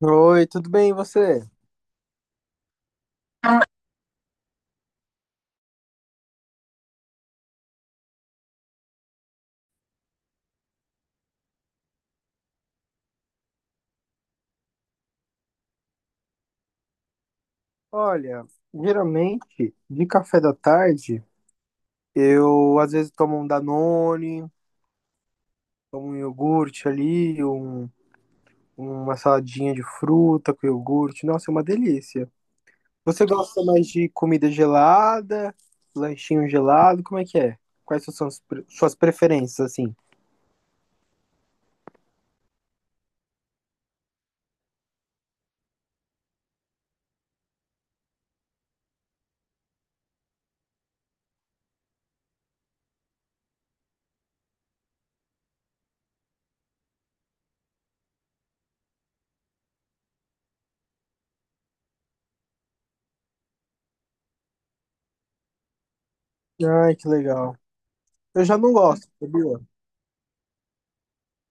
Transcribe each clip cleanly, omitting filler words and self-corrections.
Oi, tudo bem, e você? Olha, geralmente de café da tarde eu às vezes tomo um Danone, tomo um iogurte ali, uma saladinha de fruta com iogurte. Nossa, é uma delícia. Você gosta mais de comida gelada, lanchinho gelado? Como é que é? Quais são suas preferências assim? Ai, que legal. Eu já não gosto, sabia?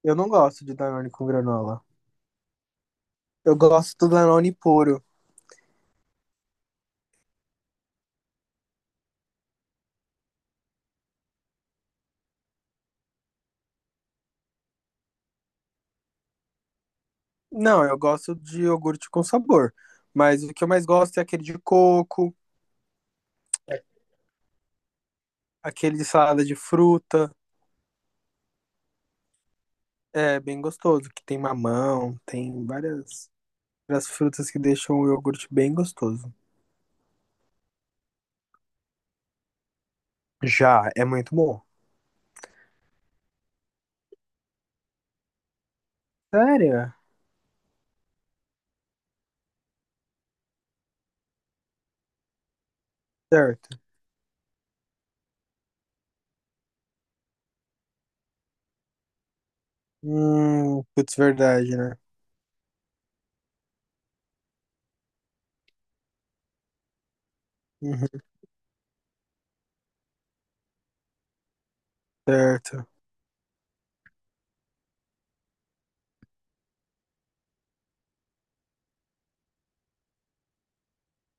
Eu não gosto de Danone com granola. Eu gosto do Danone puro. Não, eu gosto de iogurte com sabor. Mas o que eu mais gosto é aquele de coco, aquele de salada de fruta. É bem gostoso, que tem mamão, tem várias frutas que deixam o iogurte bem gostoso. Já, é muito bom. Sério? Certo. Putz, verdade, né? Uhum, certo.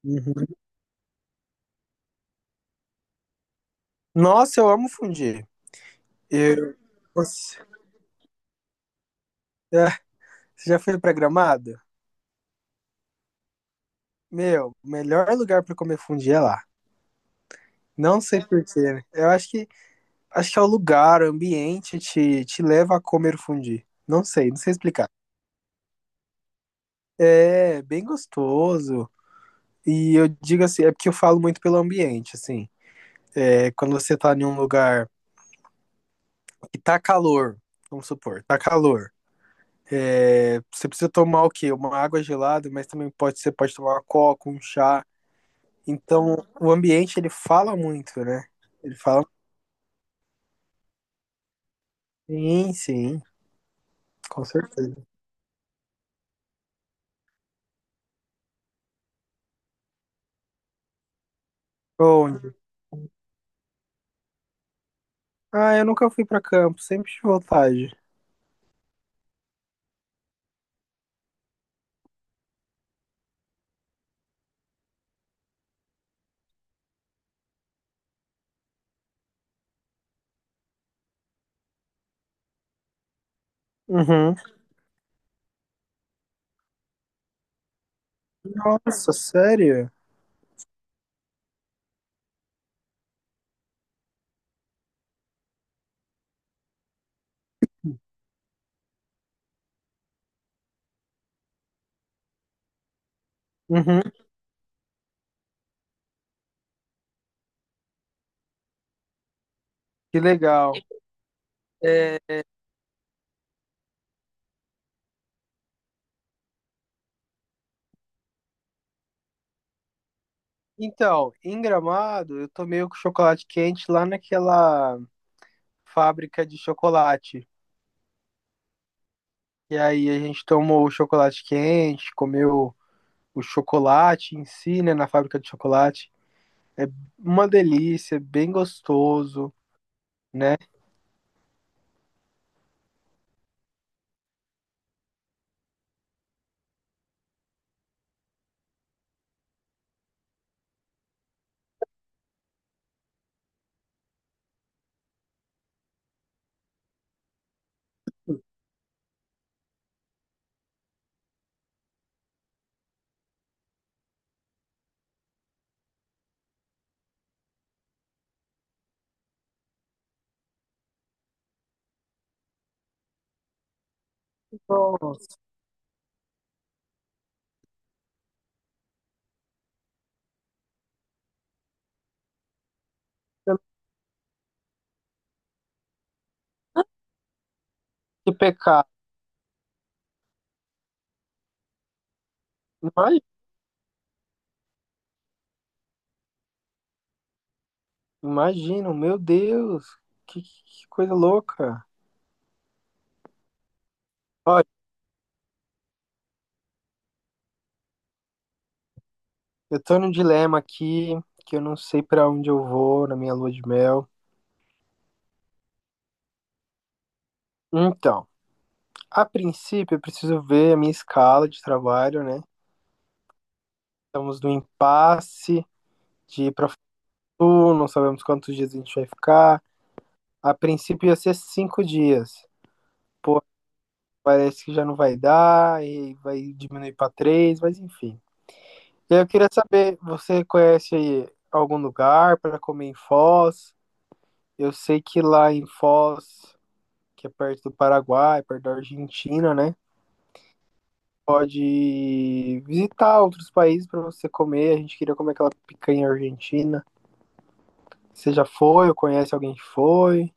Uhum. Nossa, eu amo fundir. Eu, você, é, Você já foi pra Gramado? Meu, o melhor lugar pra comer fundir é lá. Não sei por quê, né? Eu acho que Acho que é o lugar, o ambiente te leva a comer fundir. Não sei, não sei explicar. É bem gostoso. E eu digo assim, é porque eu falo muito pelo ambiente, assim. É quando você tá em um lugar que tá calor, vamos supor, tá calor. É, você precisa tomar o quê? Uma água gelada, mas também pode, você pode tomar uma coca, um chá. Então, o ambiente, ele fala muito, né? Ele fala, sim, sim, com certeza. Onde? Ah, eu nunca fui pra campo, sempre de vontade. Uhum. Nossa, sério? Uhum, que legal. É, então, em Gramado, eu tomei o chocolate quente lá naquela fábrica de chocolate. E aí a gente tomou o chocolate quente, comeu o chocolate em si, né, na fábrica de chocolate. É uma delícia, bem gostoso, né? Nossa, que pecado. Ima- Imagina, meu Deus, que coisa louca. Ó, eu tô num dilema aqui, que eu não sei pra onde eu vou na minha lua de mel. Então, a princípio eu preciso ver a minha escala de trabalho, né? Estamos no impasse de ir pra Fatu, não sabemos quantos dias a gente vai ficar. A princípio ia ser 5 dias. Pô, parece que já não vai dar, e vai diminuir pra três, mas enfim. E aí eu queria saber, você conhece aí algum lugar pra comer em Foz? Eu sei que lá em Foz que é perto do Paraguai, perto da Argentina, né? Pode visitar outros países para você comer. A gente queria comer aquela picanha argentina. Você já foi ou conhece alguém que foi?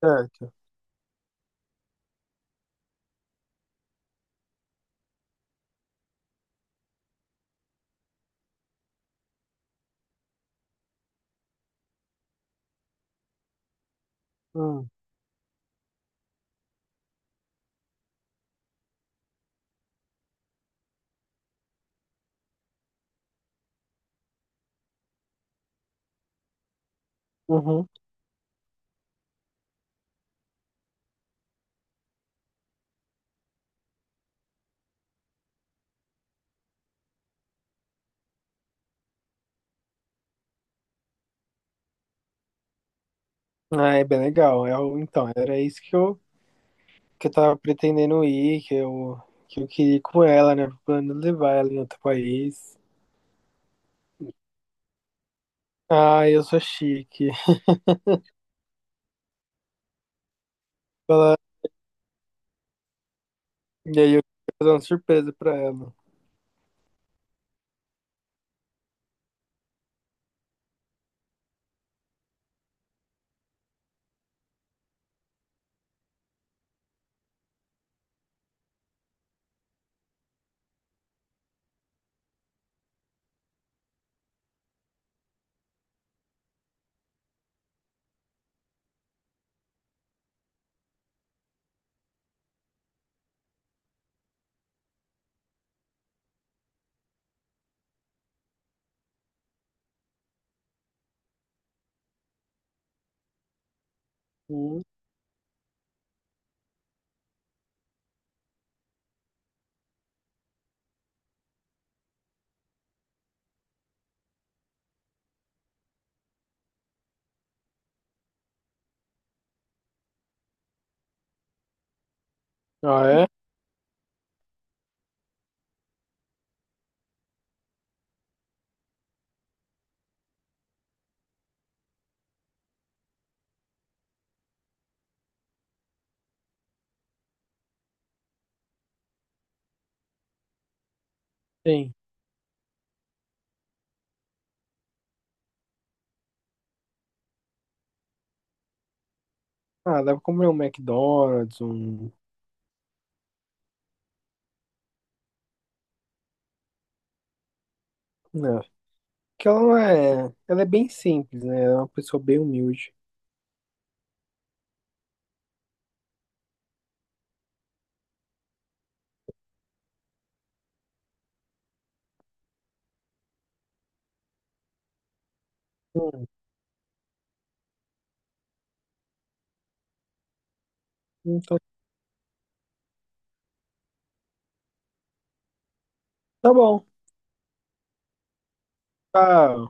Certo. Hum, Uhum. Ah, é bem legal. É o então, era isso que eu, que eu, tava pretendendo ir, que eu queria ir com ela, né? Plano levar ela em outro país. Ah, eu sou chique. Ela, e aí eu queria fazer uma surpresa pra ela. Hum. Ah, é? Sim. Ah, dá pra comer um McDonald's. Não, que ela não é. Ela é bem simples, né? Ela é uma pessoa bem humilde. Hum, Então, tá bom. Tá.